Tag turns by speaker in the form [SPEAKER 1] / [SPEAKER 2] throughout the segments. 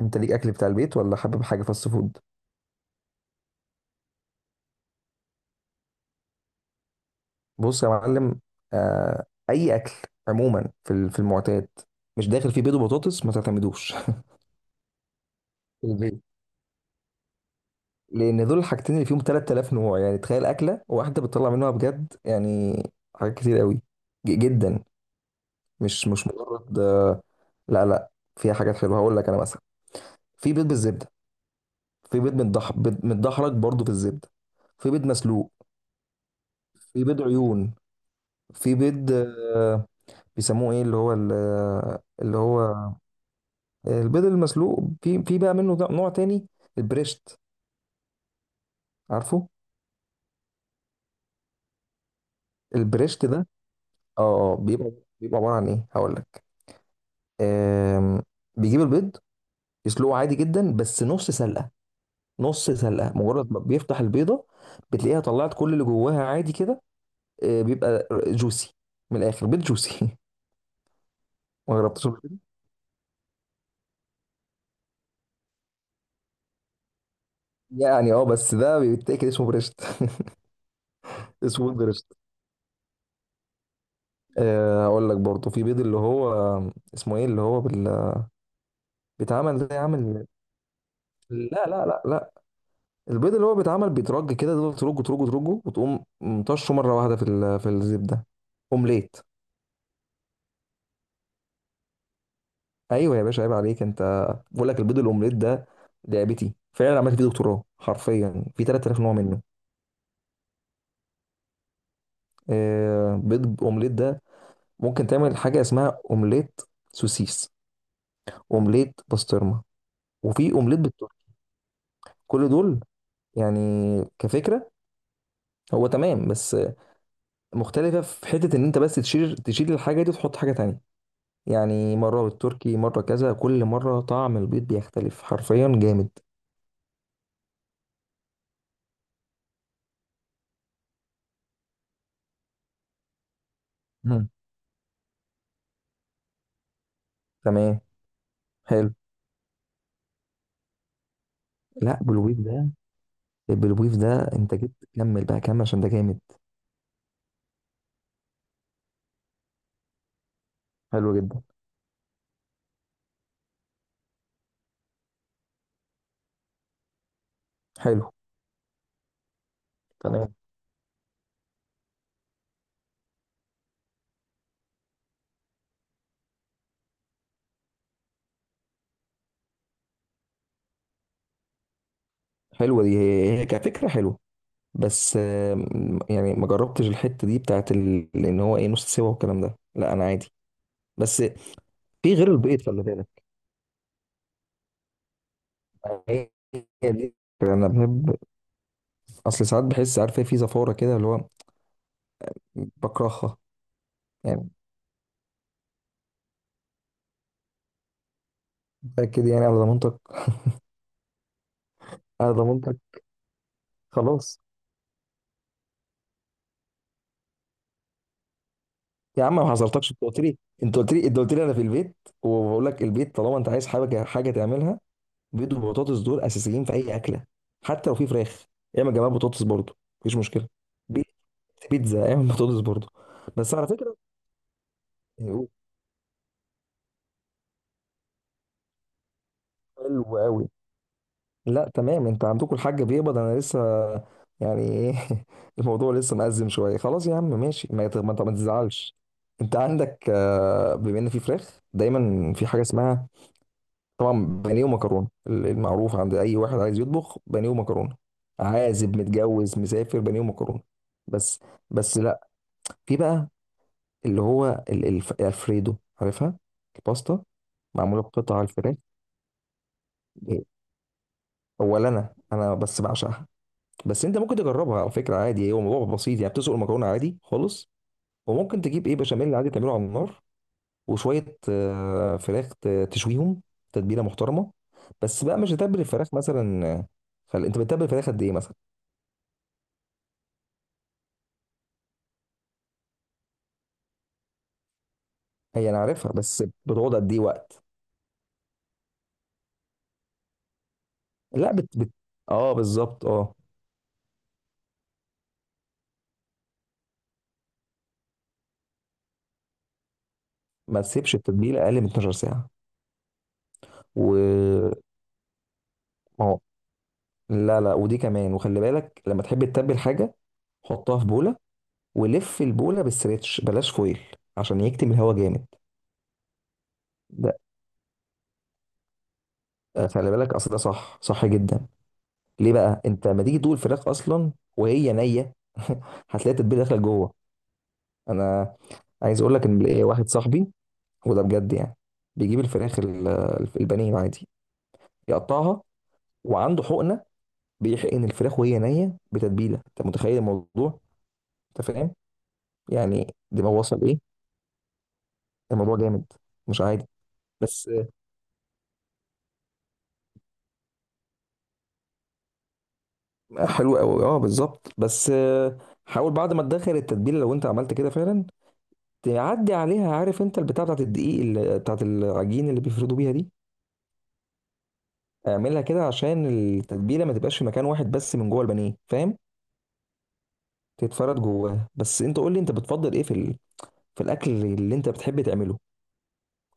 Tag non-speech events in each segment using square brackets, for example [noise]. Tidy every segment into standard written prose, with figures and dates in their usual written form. [SPEAKER 1] انت ليك اكل بتاع البيت ولا حابب حاجه فاست فود؟ بص يا معلم. اي اكل عموما في المعتاد مش داخل فيه بيض وبطاطس، ما تعتمدوش [laughs] في البيت، لان دول الحاجتين اللي فيهم 3000 نوع. يعني تخيل اكله واحده بتطلع منها بجد، يعني حاجات كتير قوي، جدا. مش مجرد لا لا، فيها حاجات حلوه. هقول لك انا مثلا، في بيض بالزبده، في بيض متضح، بيض متدحرج برضه في الزبده، في بيض مسلوق، في بيض عيون، في بيض، آه، بيسموه ايه، اللي هو اللي هو البيض المسلوق. في في بقى منه نوع تاني، البريشت. عارفه؟ البريشت ده اه اه بيبقى بيبقى عباره عن ايه؟ هقول لك. آم، بيجيب البيض، يسلقه عادي جدا بس نص سلقه. نص سلقه مجرد ما بيفتح البيضه بتلاقيها طلعت كل اللي جواها عادي كده. بيبقى جوسي. من الاخر بيض جوسي. [laughs] ما جربتش قبل كده؟ يعني اه، بس ده بيتاكل، اسمه بريشت. [laughs] اسمه بريشت. اقول لك برضو، في بيض اللي هو اسمه ايه، اللي هو بيتعمل زي عامل. لا لا لا لا، البيض اللي هو بيتعمل بيترج كده. تفضل ترجه ترجه ترجه، وتقوم مطشه مره واحده في في الزبده. اومليت. ايوه يا باشا، عيب عليك. انت بقول لك البيض الاومليت ده لعبتي. فعلا عملت فيه دكتوراه، حرفيا في 3000 نوع منه. بيض اومليت ده ممكن تعمل حاجه اسمها اومليت سوسيس، اومليت بسطرمه، وفي اومليت بالتركي. كل دول يعني كفكره هو تمام، بس مختلفة في حتة إن أنت بس تشيل الحاجة دي وتحط حاجة تانية. يعني مرة بالتركي، مرة كذا. كل مرة طعم البيض بيختلف، حرفيا جامد. مم. تمام، حلو. لا، بالبيض ده، بالبيض ده أنت جبت كمل بقى، كمل عشان ده جامد. حلو جدا، حلو. تمام. حلوة دي، هي كفكرة حلوة بس. يعني ما جربتش الحتة دي بتاعت إن هو إيه، نص سوا والكلام ده. لا أنا عادي. بس في غير البيض، خلي بالك. هي دي الفكرة. أنا بحب، اصل ساعات بحس عارف إيه، في زفاره كده اللي هو بكرهها يعني. متاكد يعني؟ على ضمانتك؟ على ضمانتك، خلاص. يا عم، ما حذرتكش؟ انت قلت لي، انا في البيت. وبقول لك البيت، طالما انت عايز حاجه، حاجه تعملها، بيض وبطاطس دول اساسيين في اي اكله. حتى لو في فراخ، اعمل جنبها بطاطس برضه، مفيش مشكله. بي- بيتزا اعمل بطاطس برضه. بس على فكره. حلو قوي. لا تمام، انت عندكم الحاج بيقبض، انا لسه. يعني ايه؟ [laughs] الموضوع لسه مأزم شويه. خلاص يا عم، ماشي، ما انت ما تزعلش. انت عندك، بما ان في فراخ، دايما في حاجه اسمها، طبعا، بانيه ومكرونه. المعروف عند اي واحد عايز يطبخ بانيه ومكرونه. عازب، متجوز، مسافر، بانيه ومكرونه. بس بس لا، في بقى اللي هو الفريدو. عارفها؟ الباستا، معموله بقطع الفراخ. إيه، اولا انا بس بعشقها. بس انت ممكن تجربها على فكره عادي، هو موضوع بسيط. يعني بتسلق المكرونه عادي خالص، وممكن تجيب ايه، بشاميل عادي تعمله على النار، وشويه فراخ تشويهم، تتبيله محترمه. بس بقى مش هتتبل الفراخ مثلا؟ انت بتتبل الفراخ قد ايه مثلا؟ هي انا عارفها، بس بتقعد قد ايه وقت؟ لا اه بالظبط، اه. ما تسيبش التتبيله اقل من 12 ساعه. و ما هو. لا لا، ودي كمان، وخلي بالك لما تحب تتبل حاجه، حطها في بوله، ولف البوله بالستريتش، بلاش فويل، عشان يكتم الهواء جامد ده. خلي بالك، اصل ده صح صح جدا. ليه بقى؟ انت لما تيجي تدوق الفراخ اصلا وهي نيه [laughs] هتلاقي التتبيله داخله جوه. انا عايز اقول لك ان ليا واحد صاحبي، وده بجد يعني، بيجيب الفراخ البانيه العادي، يقطعها، وعنده حقنه، بيحقن الفراخ وهي نيه بتتبيله. انت متخيل الموضوع؟ انت فاهم يعني دماغه وصل ايه؟ الموضوع جامد، مش عادي. بس حلو قوي، اه بالظبط. بس حاول بعد ما تدخل التتبيله، لو انت عملت كده فعلا، تعدي عليها، عارف انت البتاع بتاعت الدقيق، اللي بتاعت العجين، اللي بيفردوا بيها دي، اعملها كده عشان التتبيله ما تبقاش في مكان واحد بس من جوه البانيه، فاهم؟ تتفرد جواها. بس انت قول لي، انت بتفضل ايه في في الاكل اللي انت بتحب تعمله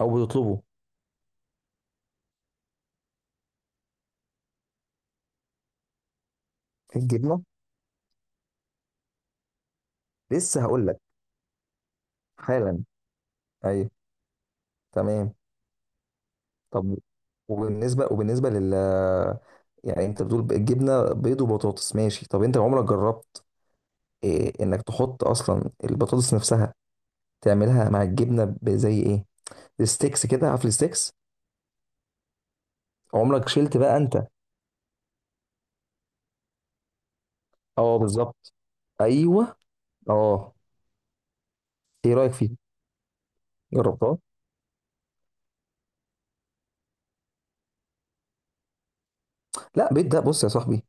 [SPEAKER 1] او بتطلبه؟ الجبنه. لسه هقول لك، حالا. ايوه تمام. طب وبالنسبه، يعني انت بتقول الجبنه بيض وبطاطس، ماشي. طب انت عمرك جربت إيه، انك تحط اصلا البطاطس نفسها، تعملها مع الجبنه، زي ايه، الستيكس كده، عارف الستيكس؟ عمرك شلت بقى انت؟ اه بالظبط. ايوه اه. ايه رايك فيه؟ جربتها؟ لا البيت ده، بص يا صاحبي،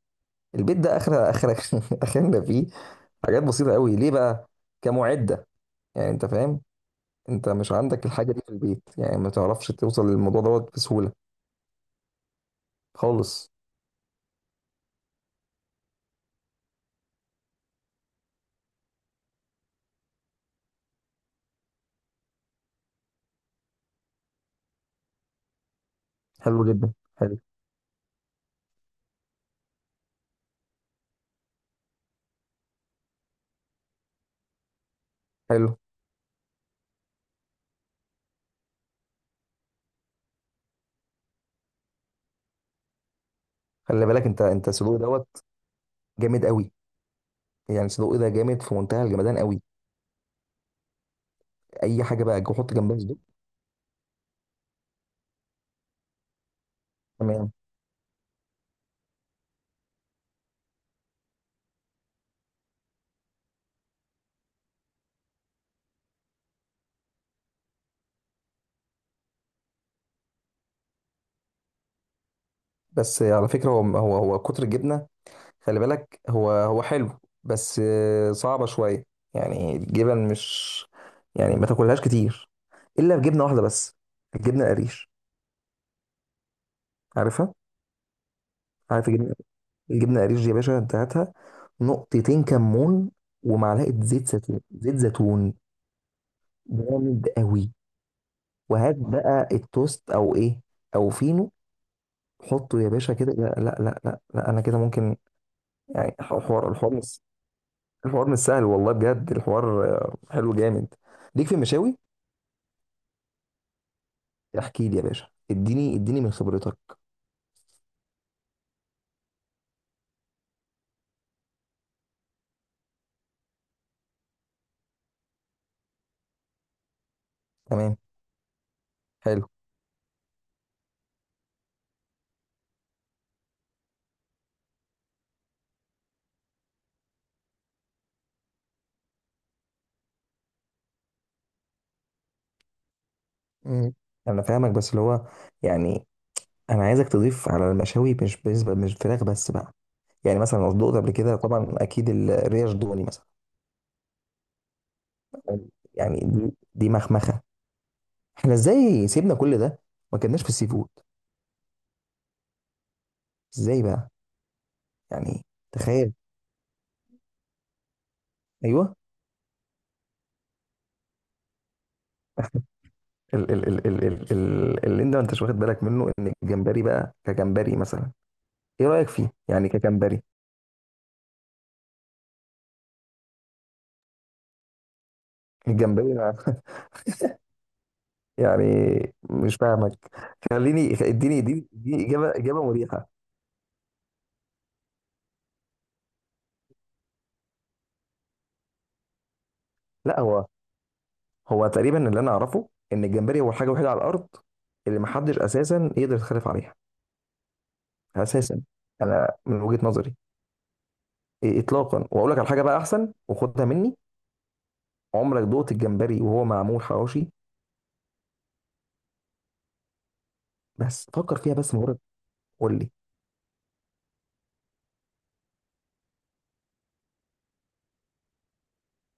[SPEAKER 1] البيت ده اخر اخر [laughs] اخرنا فيه حاجات بسيطه قوي. ليه بقى؟ كمعده يعني، انت فاهم؟ انت مش عندك الحاجه دي في البيت، يعني ما تعرفش توصل للموضوع دوت بسهوله خالص. حلو جدا، حلو. حلو، خلي بالك. انت سلوق دوت. جامد قوي يعني، سلوق ده جامد، في منتهى الجمدان قوي. اي حاجه بقى حط جنبها صدوق. تمام. بس على فكره، هو هو كتر الجبنه، خلي بالك. هو حلو، بس صعبه شويه. يعني الجبن مش، يعني ما تاكلهاش كتير، الا بجبنه واحده بس، الجبنه القريش. عارفها؟ عارف الجبنه، الجبنه القريش دي؟ يا باشا انت هاتها، نقطتين كمون، ومعلقه زيت زيتون، زيت زيتون. جامد قوي. وهات بقى التوست او ايه، او فينو، حطه يا باشا كده. لا لا لا لا, لا انا كده ممكن. يعني الحوار، الحوار مش، الحوار مش سهل والله بجد. الحوار حلو جامد. ليك في المشاوي؟ احكي لي يا باشا، اديني اديني من خبرتك. تمام، حلو. مم. انا فاهمك، بس اللي هو يعني، انا عايزك تضيف على المشاوي، مش بالنسبه مش فراخ بس بقى. يعني مثلا لو دقت قبل كده طبعا، اكيد الريش دوني مثلا. يعني دي مخمخه. احنا ازاي سيبنا كل ده؟ ما كناش في السي فود. ازاي بقى؟ يعني تخيل. ايوه ال ال ال ال ال ال اللي انت ما انتش واخد بالك منه، ان الجمبري بقى كجمبري مثلا، ايه رأيك فيه يعني كجمبري؟ الجمبري [laughs] يعني مش فاهمك. اديني اديني اديني اجابه اجابه مريحه. لا هو، تقريبا اللي انا اعرفه، ان الجمبري هو الحاجه الوحيده على الارض اللي ما حدش اساسا يقدر يتخلف عليها اساسا، انا من وجهة نظري. إيه، اطلاقا. واقول لك على حاجه بقى، احسن وخدها مني. عمرك دوقت الجمبري وهو معمول حواوشي؟ بس فكر فيها، بس مجرد. قول لي.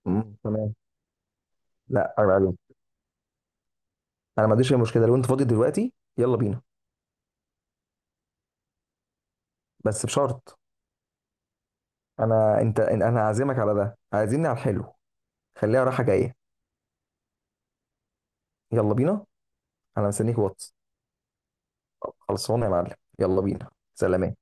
[SPEAKER 1] مم، تمام. لا انا ما عنديش اي مشكله، لو انت فاضي دلوقتي يلا بينا. بس بشرط، انا هعزمك على ده، عايزيني على الحلو، خليها راحه جايه. يلا بينا. انا مستنيك واتس. خلصانه يا معلم، يلا بينا. سلام.